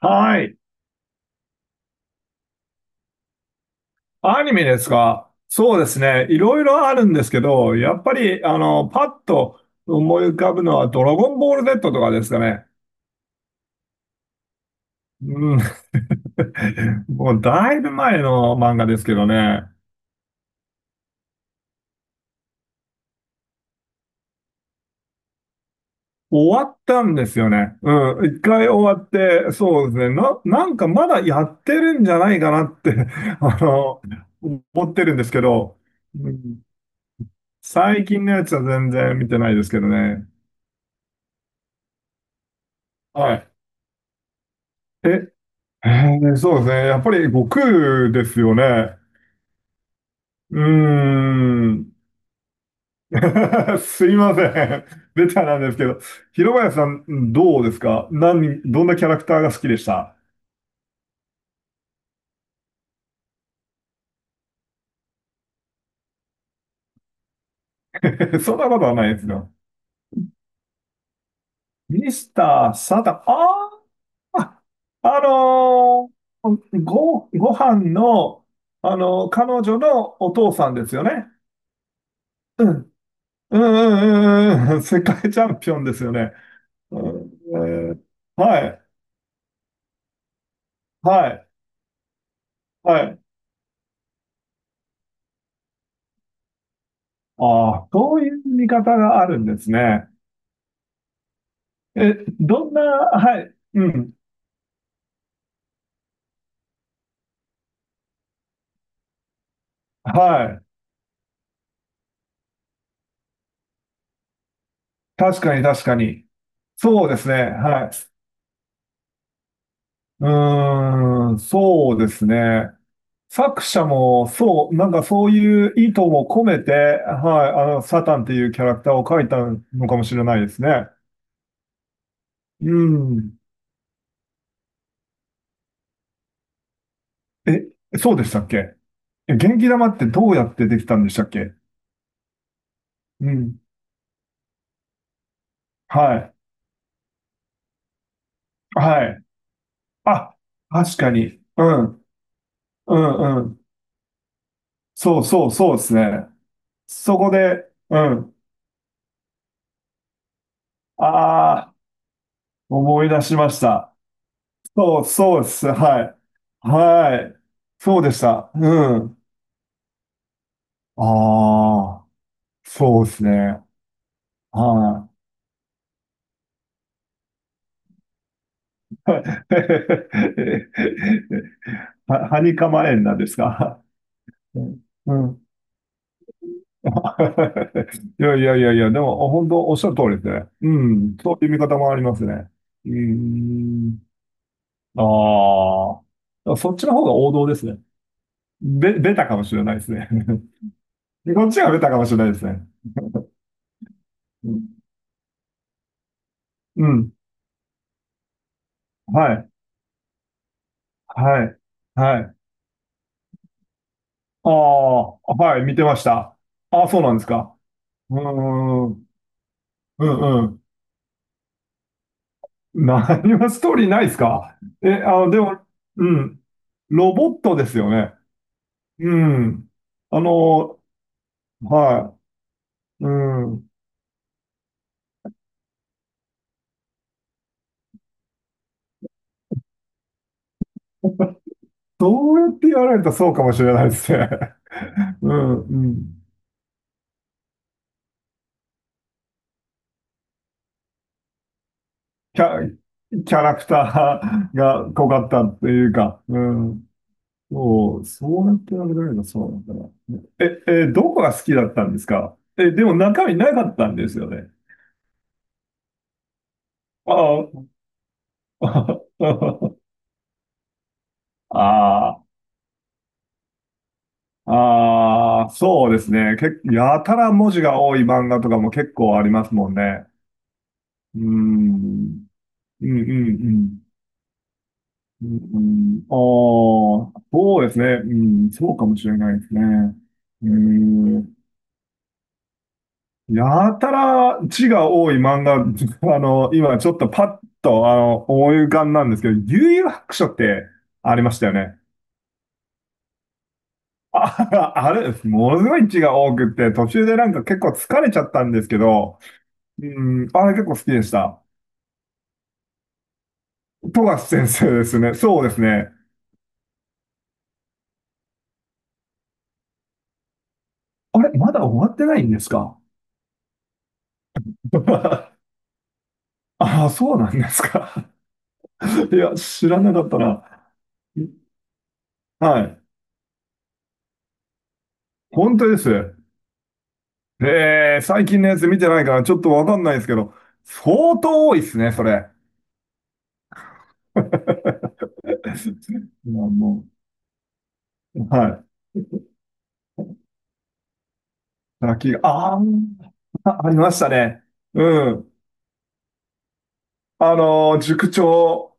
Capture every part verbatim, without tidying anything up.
はい。アニメですか？そうですね。いろいろあるんですけど、やっぱり、あの、パッと思い浮かぶのは、ドラゴンボールゼット とかですかね。うん。もう、だいぶ前の漫画ですけどね。終わったんですよね。うん。一回終わって、そうですね。な、なんかまだやってるんじゃないかなって あの、思ってるんですけど、うん、最近のやつは全然見てないですけどね。はい。え、えーそうですね。やっぱり悟空ですよね。うーん。すいません。ベタなんですけど。広林さん、どうですか？何、どんなキャラクターが好きでした？ そんなことはないですよ。ミスター・サタン。ああ、あのーご、ご飯の、あのー彼女のお父さんですよね。うん。うんうんうんうん。世界チャンピオンですよね。うん。えーはい。はい。はい。ああ、そういう見方があるんですね。え、どんな、はい、うん、はい。確かに確かに。そうですね、はい。うーん、そうですね。作者も、そう、なんかそういう意図も込めて、はい、あの、サタンっていうキャラクターを描いたのかもしれないですね。うん。え、そうでしたっけ？え、元気玉ってどうやってできたんでしたっけ？うん。はい。はい。あ、確かに。うん。うんうん。そうそうそうですね。そこで、うん。ああ、思い出しました。そうそうです。はい。はい。そうでした。うん。ああ、そうですね。はい。は、はにかまえんなんですか？うんうん いやいやいやいや、でも、本当おっしゃる通りですね。うん。そういう見方もありますね。うん。ああ。そっちの方が王道ですね。べ、ベタかもしれないですね。こっちがベタかもしれないですね。うんうん。はい。はい。はい。ああ、はい。見てました。ああ、そうなんですか。うーん。うんうん。何もストーリーないですか？え、あの、でも、うん。ロボットですよね。うん。あの、はい。うん。どうやって言われたらそうかもしれないですね。うん、うん。キャ、キャラクターが濃かったっていうか、うん。そう、そうやって言われるのそうなんだな。え、え、どこが好きだったんですか？え、でも中身なかったんですよね。ああ、ああ、ああ、そうですね。け、やたら文字が多い漫画とかも結構ありますもんね。うーん。うんうんうん。うんうん、ああ、そうですね。うん、そうかもしれないですね。うーん。やたら字が多い漫画、あの、今ちょっとパッと、あの、思い浮かんなんですけど、幽遊白書ってありましたよね。あ、あれ、ものすごい字が多くって、途中でなんか結構疲れちゃったんですけど、うん、あれ結構好きでした。富樫先生ですね。そうですね。あれ、まだ終わってないんですか？ ああ、そうなんですか。いや、知らなかったな。はい。本当です。えー、最近のやつ見てないからちょっとわかんないですけど、相当多いですね、それ。いやもう、はい。先が、あーあ、ありましたね。うん。あのー塾長、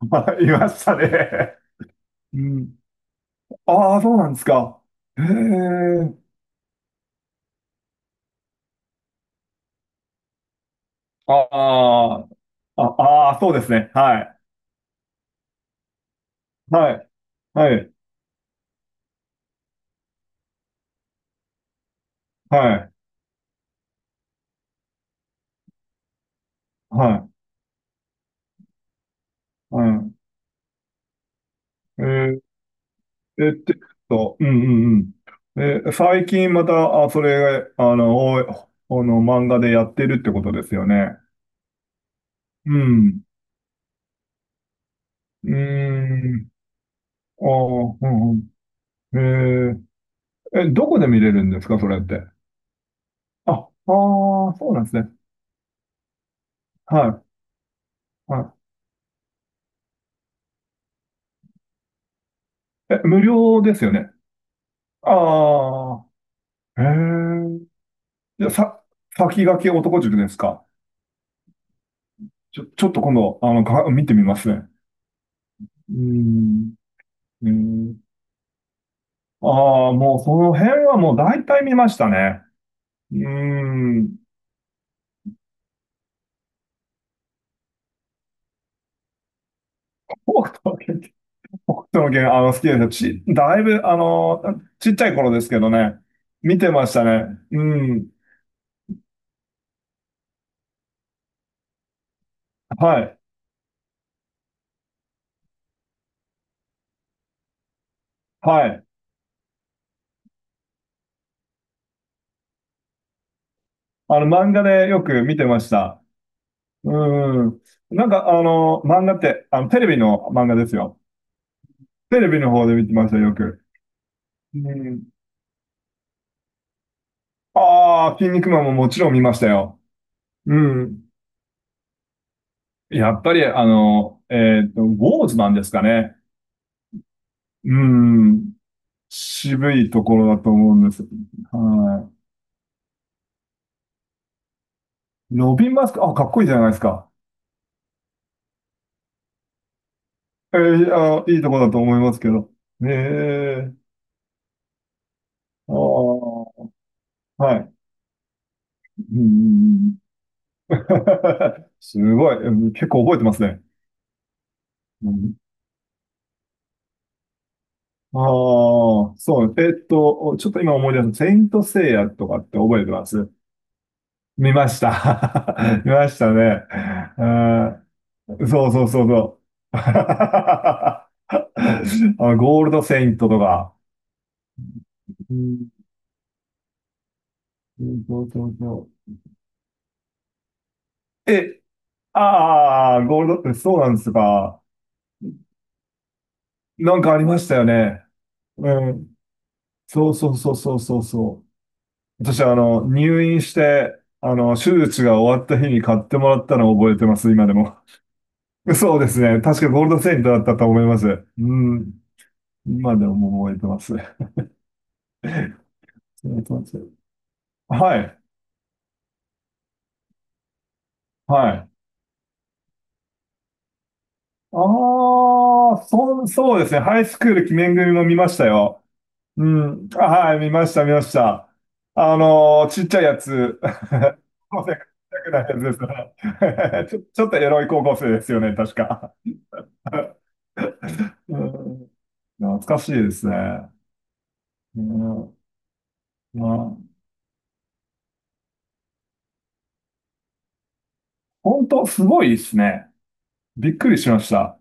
い、いましたね。うん。ああ、そうなんですか。へえ。あーあ、ああ、そうですね。はい。はい。はい。はい。はい。はい。うん。えっと、うんうんうん。え、最近また、あ、それ、あの、おいあの、漫画でやってるってことですよね。うん。うーん。ああ、うんうん。えー、え、どこで見れるんですか、それって？あ、ああ、そうなんですね。はい。はい。え、無料ですよね。ああ、へえ。じゃ、さ、先駆け男塾ですか？ちょ、ちょっと今度、あの、か、見てみますね。うーん。うーん。ああ、もうその辺はもう大体見ましたね。うーん。北斗の拳、北斗の拳、あの、好きですよ。ち、だいぶ、あの、ちっちゃい頃ですけどね、見てましたね。うん。はい。はい。あの、漫画でよく見てました。うん。なんか、あの、漫画って、あの、テレビの漫画ですよ。テレビの方で見てました、よく。うん。ああ、筋肉マンももちろん見ましたよ。うん。やっぱり、あの、えっと、ウォーズマンですかね。うん、渋いところだと思うんです。はい。ロビン・マスク、あ、かっこいいじゃないですか。えー、あ、いいところだと思いますけど。ねえ、ああ、はい。うんうんうん すごい。うん、結構覚えてますね。うん、ああ、そう。えっと、ちょっと今思い出す。セイント・セイヤとかって覚えてます？見ました。見ましたね。あー、そうそうそうそう。あの、ゴールドセイントとか。うんうんそうそうそう。え、ああ、ゴールド、そうなんですか。なんかありましたよね。うん。そうそうそうそうそうそう。私、あの、入院して、あの、手術が終わった日に買ってもらったのを覚えてます、今でも。そうですね。確かゴールドセイントだったと思います。うん。今でも覚えてます。そうそうそう。はい。はい。ああ、そ、そうですね。ハイスクール記念組も見ましたよ。うん。あ、はい、見ました、見ました。あのーちっちゃいやつ。高校生がちっちゃくないやつですね。ちょ、ちょっとエロい高校生ですよね、確か。うん、懐かしいですね。うん、まあ、本当すごいですね。びっくりしました。